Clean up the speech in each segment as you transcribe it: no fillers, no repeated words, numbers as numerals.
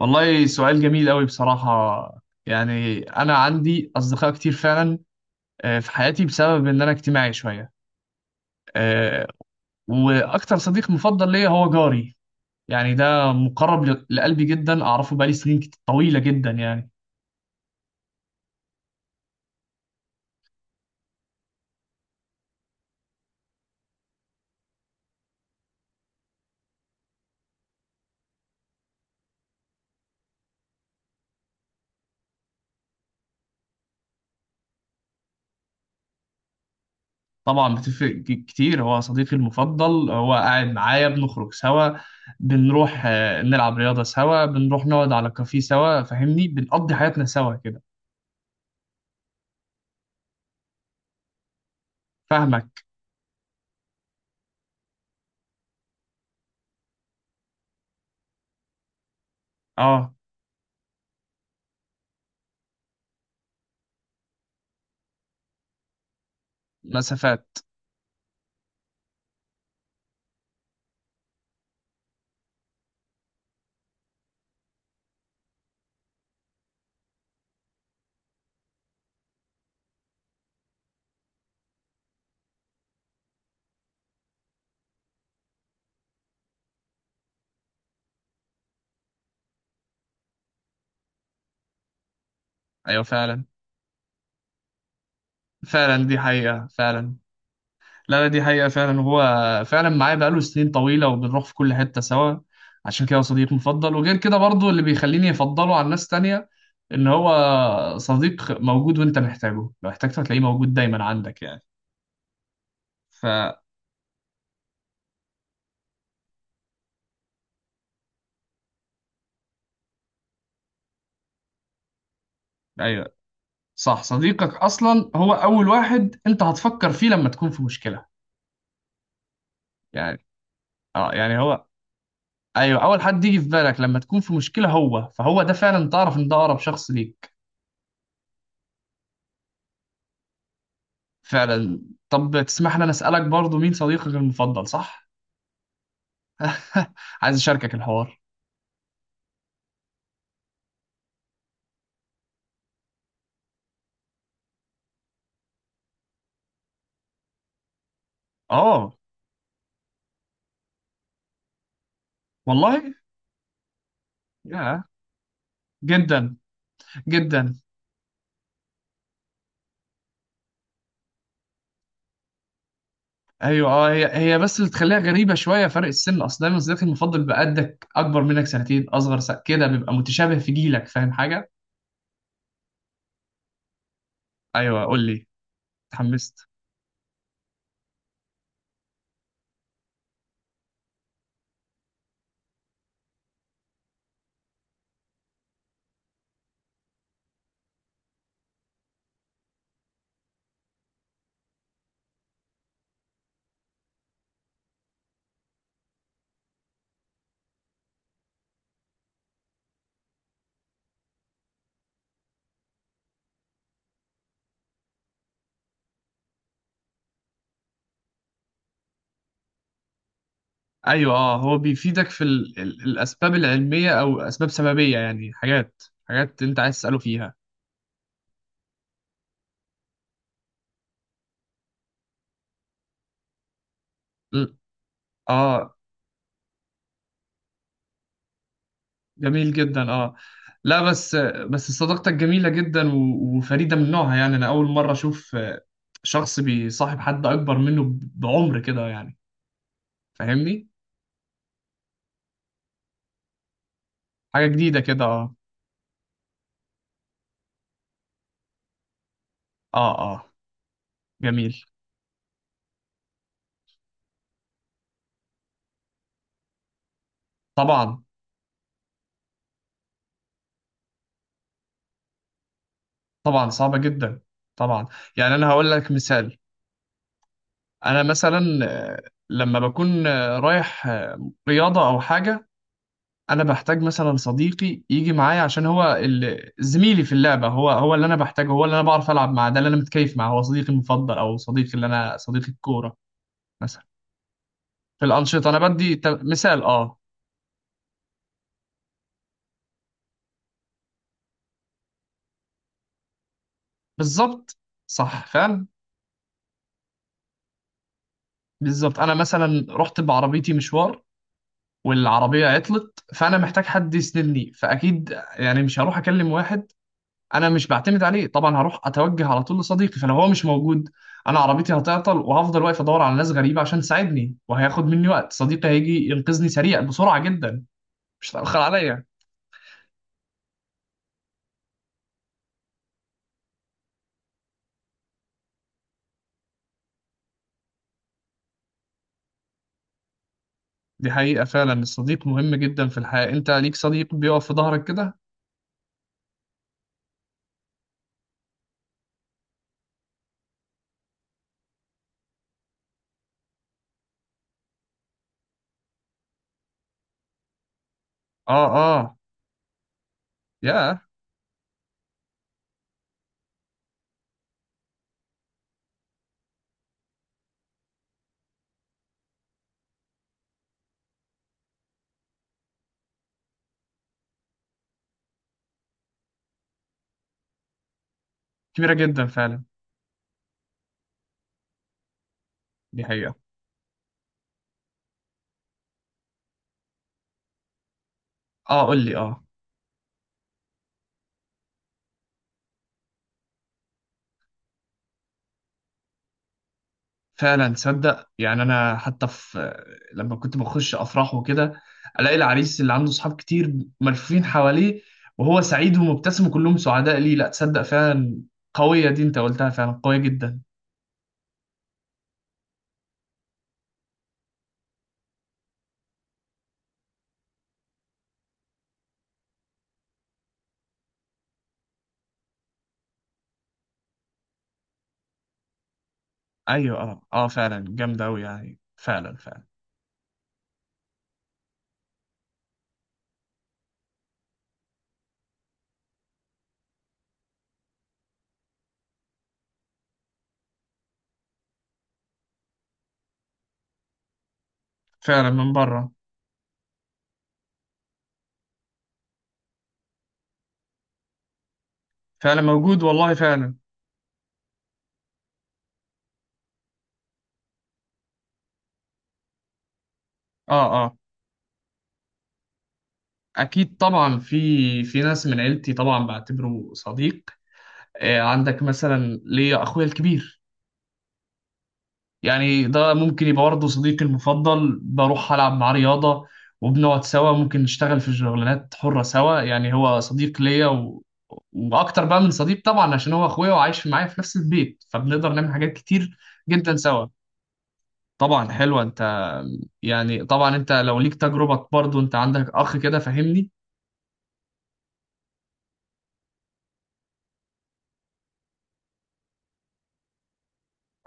والله سؤال جميل قوي بصراحة، يعني أنا عندي أصدقاء كتير فعلا. في حياتي بسبب إن أنا اجتماعي شوية. آه، وأكتر صديق مفضل ليا هو جاري، يعني ده مقرب لقلبي جدا. أعرفه بقالي سنين طويلة جدا يعني. طبعا بتفرق كتير. هو صديقي المفضل، هو قاعد معايا، بنخرج سوا، بنروح نلعب رياضة سوا، بنروح نقعد على كافيه سوا، فاهمني، بنقضي حياتنا سوا كده. فاهمك. اه. مسافات. ايوه فعلا. فعلا دي حقيقة فعلا. لا لا، دي حقيقة فعلا. هو فعلا معايا بقاله سنين طويلة، وبنروح في كل حتة سوا. عشان كده هو صديق مفضل، وغير كده برضو اللي بيخليني أفضله على ناس تانية إن هو صديق موجود، وأنت محتاجه لو احتجته هتلاقيه موجود دايما عندك يعني. فا أيوه صح. صديقك أصلا هو أول واحد أنت هتفكر فيه لما تكون في مشكلة. يعني أه يعني هو، أيوه، أول حد يجي في بالك لما تكون في مشكلة، فهو ده فعلا. تعرف إن ده أقرب شخص ليك. فعلا. طب تسمح لي انا اسالك برضو، مين صديقك المفضل؟ صح. عايز اشاركك الحوار. اه والله. يا، جدا جدا. ايوه اه. هي هي بس اللي تخليها غريبه شويه فرق السن. اصل دايما صديقك المفضل بقدك، اكبر منك سنتين، اصغر كده، بيبقى متشابه في جيلك. فاهم حاجه؟ ايوه قول لي. اتحمست. ايوه اه، هو بيفيدك في الاسباب العلميه او اسباب سببيه، يعني حاجات حاجات انت عايز تساله فيها. م. اه، جميل جدا. اه لا، بس صداقتك جميلة جدا وفريدة من نوعها. يعني انا اول مرة اشوف شخص بيصاحب حد اكبر منه بعمر كده يعني. فاهمني؟ حاجة جديدة كده اه. اه اه جميل. طبعا. طبعا صعبة جدا، طبعا. يعني انا هقول لك مثال. انا مثلا، آه، لما بكون رايح رياضة او حاجة، انا بحتاج مثلا صديقي يجي معايا، عشان هو زميلي في اللعبه. هو هو اللي انا بحتاجه، هو اللي انا بعرف العب معاه، ده اللي انا متكيف معاه. هو صديقي المفضل، او صديقي اللي انا صديقي الكوره. مثلا في الانشطه انا بدي مثال اه. بالظبط، صح فعلا. بالظبط. انا مثلا رحت بعربيتي مشوار، والعربيه عطلت، فانا محتاج حد يسندني، فاكيد يعني مش هروح اكلم واحد انا مش بعتمد عليه. طبعا هروح اتوجه على طول لصديقي، فلو هو مش موجود، انا عربيتي هتعطل، وهفضل واقف ادور على ناس غريبه عشان تساعدني، وهياخد مني وقت. صديقي هيجي ينقذني سريع بسرعه جدا، مش هتاخر عليا. دي حقيقه فعلا. الصديق مهم جدا في الحياه، انت ليك صديق بيقف في ظهرك كده. اه اه، يا، كبيره جدا فعلا. دي حقيقه. اه قول لي. اه فعلا. تصدق يعني انا حتى في، لما كنت بخش افراح وكده، الاقي العريس اللي عنده صحاب كتير، ملفوفين حواليه، وهو سعيد ومبتسم، وكلهم سعداء ليه. لا تصدق فعلا، قوية دي انت قلتها، فعلا قوية جدا. ايوه اه اه، فعلا جامدة اوي، يعني فعلا فعلا. فعلا من بره. فعلا موجود والله فعلا. اه اه، اكيد طبعا، في ناس من عيلتي طبعا بعتبره صديق. عندك مثلا ليا اخويا الكبير، يعني ده ممكن يبقى برضه صديقي المفضل. بروح ألعب معاه رياضة، وبنقعد سوا، ممكن نشتغل في شغلانات حرة سوا، يعني هو صديق ليا وأكتر بقى من صديق طبعا، عشان هو أخويا وعايش معايا في نفس البيت، فبنقدر نعمل حاجات كتير جدا سوا. طبعا حلوة أنت. يعني طبعا أنت لو ليك تجربة برضه، أنت عندك أخ كده، فاهمني؟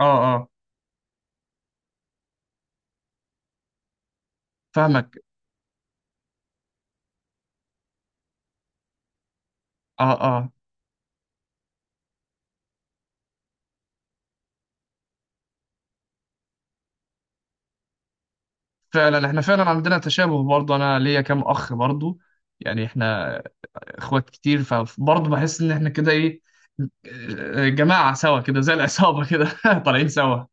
أه أه. فاهمك. أه أه. فعلا احنا فعلا عندنا تشابه، برضه أنا ليا كام أخ برضه، يعني احنا اخوات كتير، فبرضه بحس ان احنا كده ايه، جماعة سوا كده، زي العصابة كده طالعين سوا.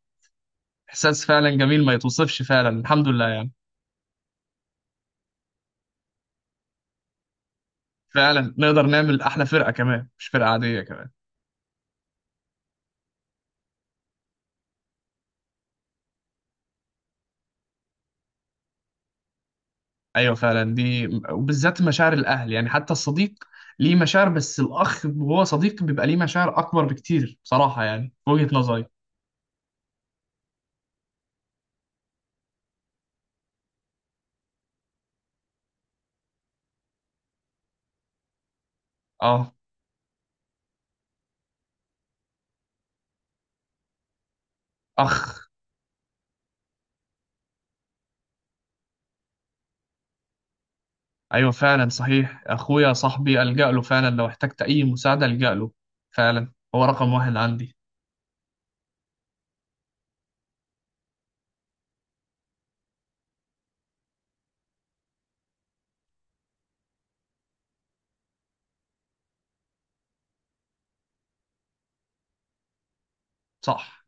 احساس فعلا جميل ما يتوصفش، فعلا الحمد لله يعني. فعلا نقدر نعمل احلى فرقة كمان، مش فرقة عادية كمان. ايوه فعلا، دي وبالذات مشاعر الاهل. يعني حتى الصديق ليه مشاعر، بس الاخ وهو صديق بيبقى ليه مشاعر اكبر بكتير بصراحة، يعني في وجهة نظري. اه، اخ. ايوه فعلا، صحيح اخويا صاحبي الجأ له فعلا، لو احتجت اي مساعدة الجأ له. فعلا هو رقم واحد عندي. صح.